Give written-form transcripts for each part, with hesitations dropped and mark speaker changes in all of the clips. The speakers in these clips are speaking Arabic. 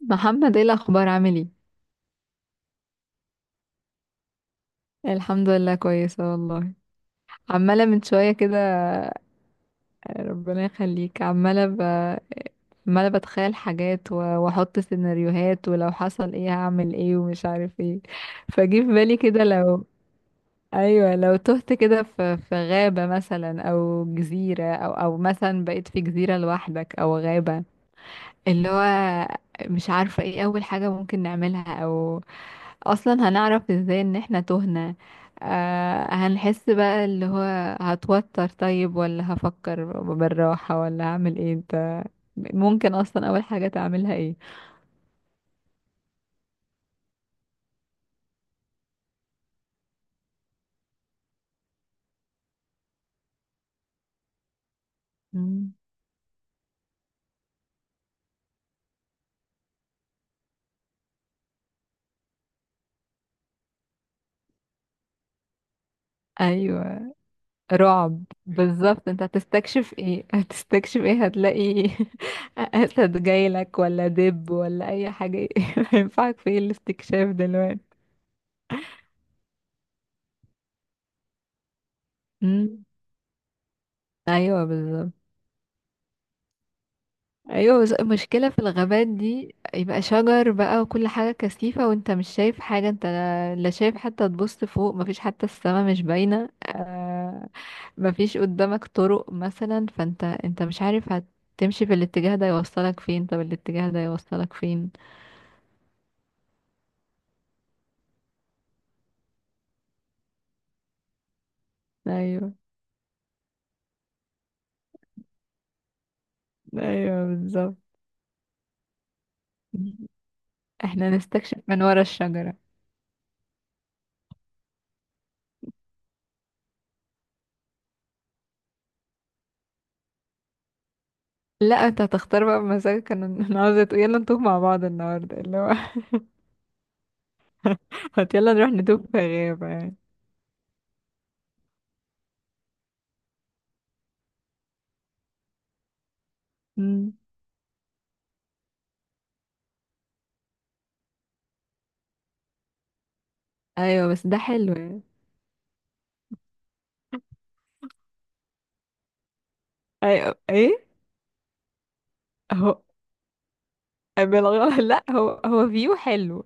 Speaker 1: محمد، ايه الاخبار؟ عامل ايه؟ الحمد لله كويسه والله. عماله من شويه كده. ربنا يخليك. عماله عماله بتخيل حاجات واحط سيناريوهات، ولو حصل ايه هعمل ايه ومش عارف ايه. فجه في بالي كده، لو ايوه لو تهت كده في غابه مثلا، او جزيره او مثلا بقيت في جزيره لوحدك او غابه. اللي هو مش عارفة ايه أول حاجة ممكن نعملها، أو أصلا هنعرف ازاي ان احنا تهنا؟ هنحس بقى، اللي هو هتوتر؟ طيب ولا هفكر بالراحة ولا هعمل ايه؟ انت ممكن أصلا أول حاجة تعملها ايه؟ مم. أيوة رعب بالظبط. انت هتستكشف ايه؟ هتستكشف ايه؟ هتلاقي أسد جايلك ولا دب ولا أي حاجة؟ ينفعك في ايه الاستكشاف دلوقتي؟ مم. أيوة بالظبط. ايوه، بس المشكله في الغابات دي، يبقى شجر بقى وكل حاجه كثيفه، وانت مش شايف حاجه. انت لا شايف حتى. تبص فوق، مفيش حتى السما، مش باينه. آه. مفيش قدامك طرق مثلا، فانت انت مش عارف، هتمشي في الاتجاه ده يوصلك فين؟ طب الاتجاه ده يوصلك فين؟ ايوه. ايوه بالظبط، احنا نستكشف من ورا الشجره. لا، انت هتختار بقى بمزاجك. انا عاوزه تقول يلا نتوه مع بعض النهارده، اللي هو هات يلا نروح نتوه في غابه. يعني ايوه، بس ده حلو يعني. ايوه. ايه هو؟ بالغلط لا هو، هو فيو حلو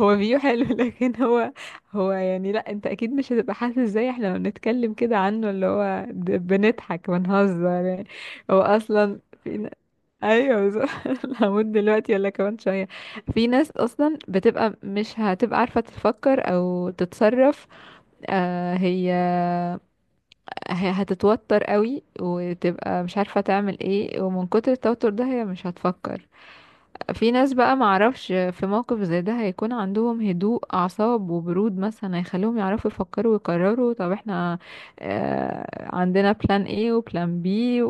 Speaker 1: هو فيو حلو لكن هو، هو يعني، لا انت اكيد مش هتبقى حاسس زي احنا لما بنتكلم كده عنه، اللي هو بنضحك بنهزر يعني. هو اصلا ايوه بالظبط. هموت دلوقتي ولا كمان شويه؟ في ناس اصلا بتبقى مش هتبقى عارفه تفكر او تتصرف. آه، هي هتتوتر قوي وتبقى مش عارفة تعمل ايه، ومن كتر التوتر ده هي مش هتفكر. في ناس بقى، معرفش، في موقف زي ده هيكون عندهم هدوء أعصاب وبرود مثلا، هيخليهم يعرفوا يفكروا ويقرروا. طب احنا عندنا بلان ايه وبلان بي؟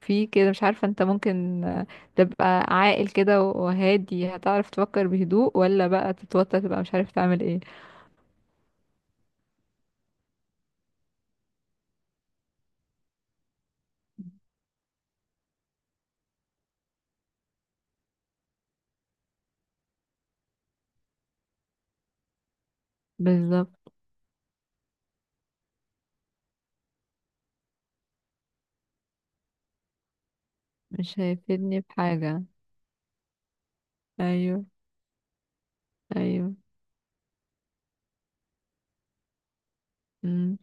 Speaker 1: في كده، مش عارفة، انت ممكن تبقى عاقل كده وهادي، هتعرف تفكر بهدوء؟ ولا بقى تتوتر تبقى مش عارف تعمل ايه؟ بالظبط، مش هيفيدني بحاجة. ايوه. ايوه. مم.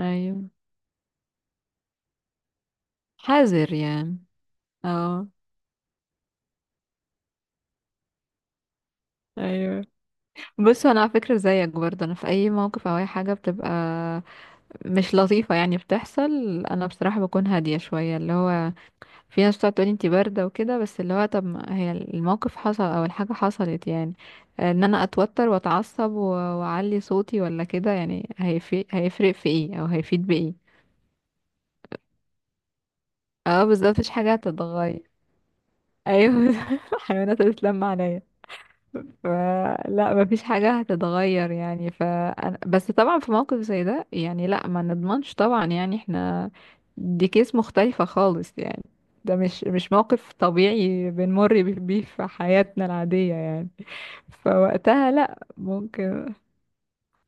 Speaker 1: ايوه. حذر يعني. اه. ايوه بص، انا على فكره زيك برضه، انا في اي موقف او اي حاجه بتبقى مش لطيفه يعني بتحصل، انا بصراحه بكون هاديه شويه. اللي هو في ناس بتقعد تقولي انتي بارده وكده، بس اللي هو طب ما هي الموقف حصل او الحاجه حصلت يعني، ان انا اتوتر واتعصب واعلي صوتي ولا كده، يعني هيفرق؟ هيفرق في ايه او هيفيد بايه؟ اه بالظبط، مفيش حاجه هتتغير. ايوه الحيوانات هتتلم عليا. ف- لا مفيش حاجة هتتغير يعني. ف، بس طبعا في موقف زي ده يعني، لا ما نضمنش طبعا يعني. احنا دي كيس مختلفة خالص يعني. ده مش موقف طبيعي بنمر بيه في حياتنا العادية يعني، فوقتها لا ممكن.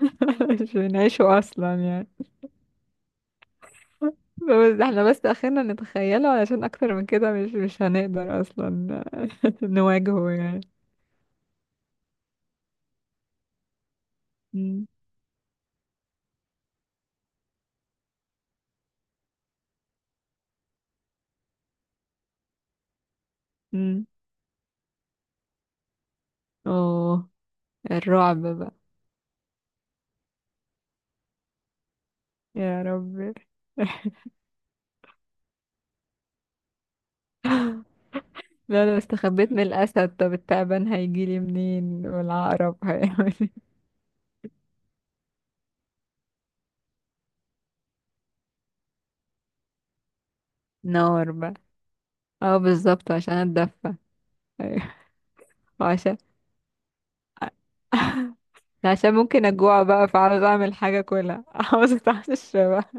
Speaker 1: مش بنعيشه أصلا يعني. بس احنا بس اخرنا نتخيله، علشان اكتر من كده مش هنقدر اصلا نواجهه يعني. م- م. اوه، الرعب. يا رب لو انا استخبيت من الاسد، طب التعبان هيجيلي منين؟ والعقرب هيعمل إيه؟ نار بقى. اه بالظبط، عشان اتدفى. ايوه. وعشان عشان ممكن اجوع بقى، فعاوز اعمل حاجه كلها عاوز اتعشى بقى.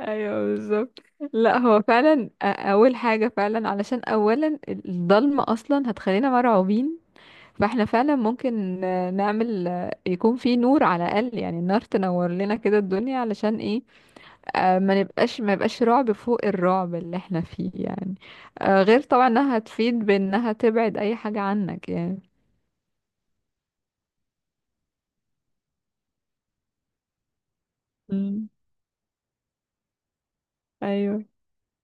Speaker 1: ايوه بالظبط. لا هو فعلا، اول حاجه فعلا، علشان اولا الضلمه اصلا هتخلينا مرعوبين، فاحنا فعلا ممكن نعمل يكون في نور على الاقل يعني، النار تنور لنا كده الدنيا، علشان ايه؟ ما نبقاش، ما يبقاش رعب فوق الرعب اللي احنا فيه يعني. غير طبعا انها هتفيد بانها تبعد اي حاجة عنك يعني. مم. ايوه.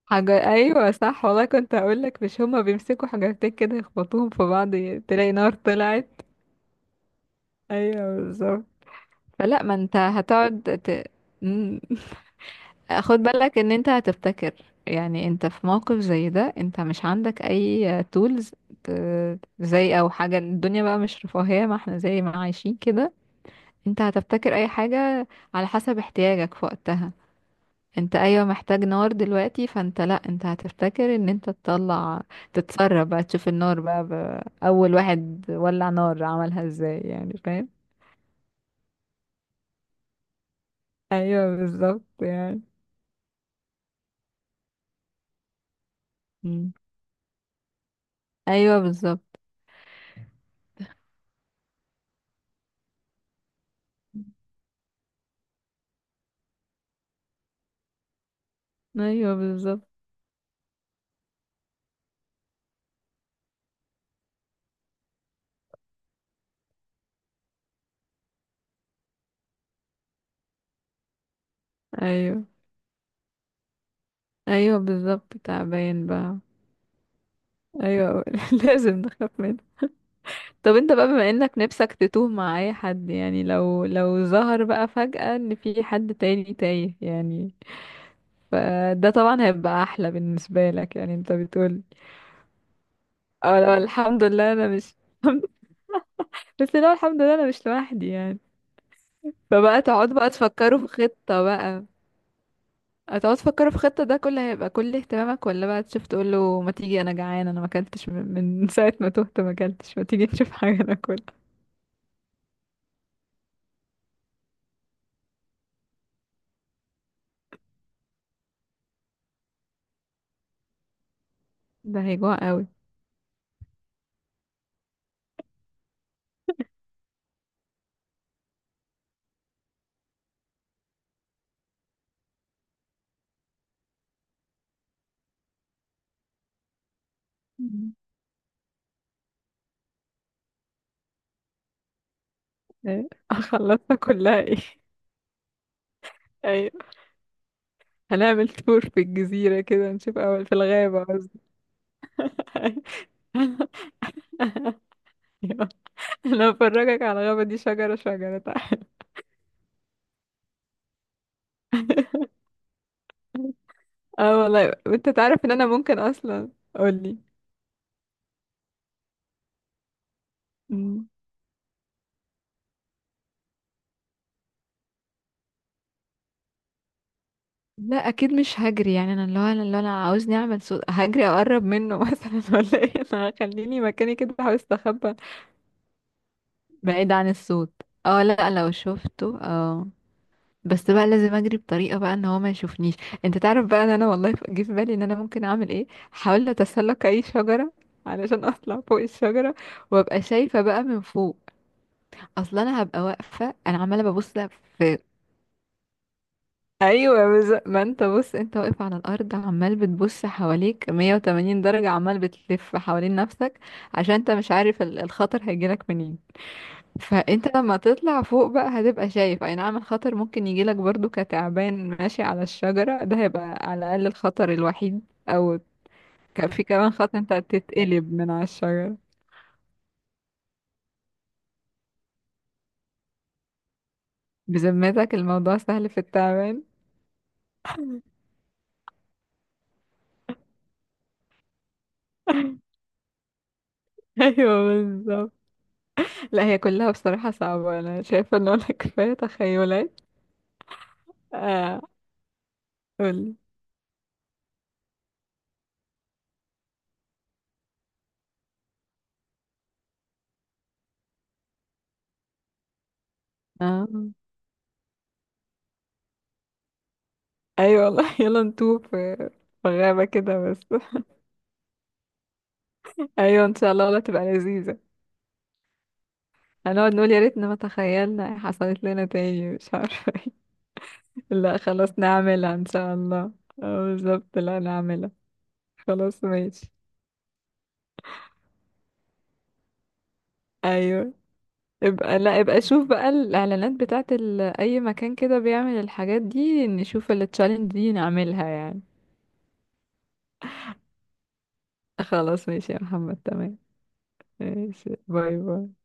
Speaker 1: حاجة، ايوه صح والله، كنت هقول لك، مش هما بيمسكوا حاجتين كده يخبطوهم في بعض؟ تلاقي نار طلعت. ايوه بالظبط. فلا، ما انت هتقعد مم. خد بالك ان انت هتفتكر. يعني انت في موقف زي ده، انت مش عندك اي تولز زي، او حاجة، الدنيا بقى مش رفاهية ما احنا زي ما عايشين كده. انت هتبتكر اي حاجة على حسب احتياجك في وقتها. انت ايوه محتاج نار دلوقتي، فانت لا، انت هتفتكر ان انت تطلع تتسرب بقى تشوف النار بقى، اول واحد ولع نار عملها ازاي يعني، فاهم؟ ايوه بالظبط يعني. مم. ايوه بالظبط. ايوه بالظبط. ايوه. ايوه بالظبط، تعبان بقى. ايوه. لازم نخاف منه. طب انت بقى، بما انك نفسك تتوه مع اي حد يعني، لو ظهر بقى فجأة ان في حد تاني تايه يعني، فده طبعا هيبقى احلى بالنسبة لك يعني، انت بتقول. اه لو الحمد لله انا مش بس لو الحمد لله انا مش لوحدي يعني. فبقى تقعد بقى تفكروا في خطة بقى. هتقعد تفكروا في خطة، ده كله هيبقى كل اهتمامك؟ ولا بقى تشوف تقول له ما تيجي، انا جعان، انا ما اكلتش من ساعة ما تهت ما اكلتش، ما تيجي نشوف حاجة ناكلها؟ ده هيجوع قوي. مم. ايه؟ خلصنا كلها ايه؟ ايوه. هنعمل تور في الجزيرة كده نشوف، اول في الغابة قصدي. أيوة. انا هفرجك على الغابة دي شجرة شجرة. تعالى. اه والله انت تعرف ان انا ممكن اصلا. قولي. مم. لا اكيد مش هجري يعني. انا اللي هو، انا عاوزني اعمل صوت هجري اقرب منه مثلا؟ ولا ايه؟ انا هخليني مكاني كده بحاول استخبى بعيد عن الصوت. اه لا لو شفته اه، بس بقى لازم اجري بطريقه بقى ان هو ما يشوفنيش. انت تعرف بقى ان انا والله، جه في بالي ان انا ممكن اعمل ايه، حاولت اتسلق اي شجره علشان اطلع فوق الشجره، وابقى شايفه بقى من فوق. اصلا انا هبقى واقفه، انا عماله ببص في. ايوه ما انت بص، انت واقف على الارض عمال بتبص حواليك 180 درجه، عمال بتلف حوالين نفسك، عشان انت مش عارف الخطر هيجيلك منين. فانت لما تطلع فوق بقى، هتبقى شايف. اي نعم الخطر ممكن يجيلك برضو كتعبان ماشي على الشجرة، ده هيبقى على الاقل الخطر الوحيد، او كان في كمان خطر انت تتقلب من على الشجرة. بذمتك الموضوع سهل في التعبان؟ ايوه بالظبط. لا هي كلها بصراحة صعبة، انا شايفة ان انا كفاية تخيلات. اه، قولي. اه ايوه والله يلا نتوه في في غابة كده بس. ايوه ان شاء الله والله، تبقى لذيذة. هنقعد نقول يا ريتنا ما تخيلنا، إيه حصلت لنا تاني مش عارفة ايه. لا خلاص نعملها ان شاء الله. اه بالظبط لا نعملها. خلاص ماشي. ايوه ابقى، لا ابقى شوف بقى الاعلانات بتاعت اي مكان كده بيعمل الحاجات دي، نشوف التشالنج دي نعملها يعني. خلاص ماشي يا محمد، تمام. ماشي، باي باي.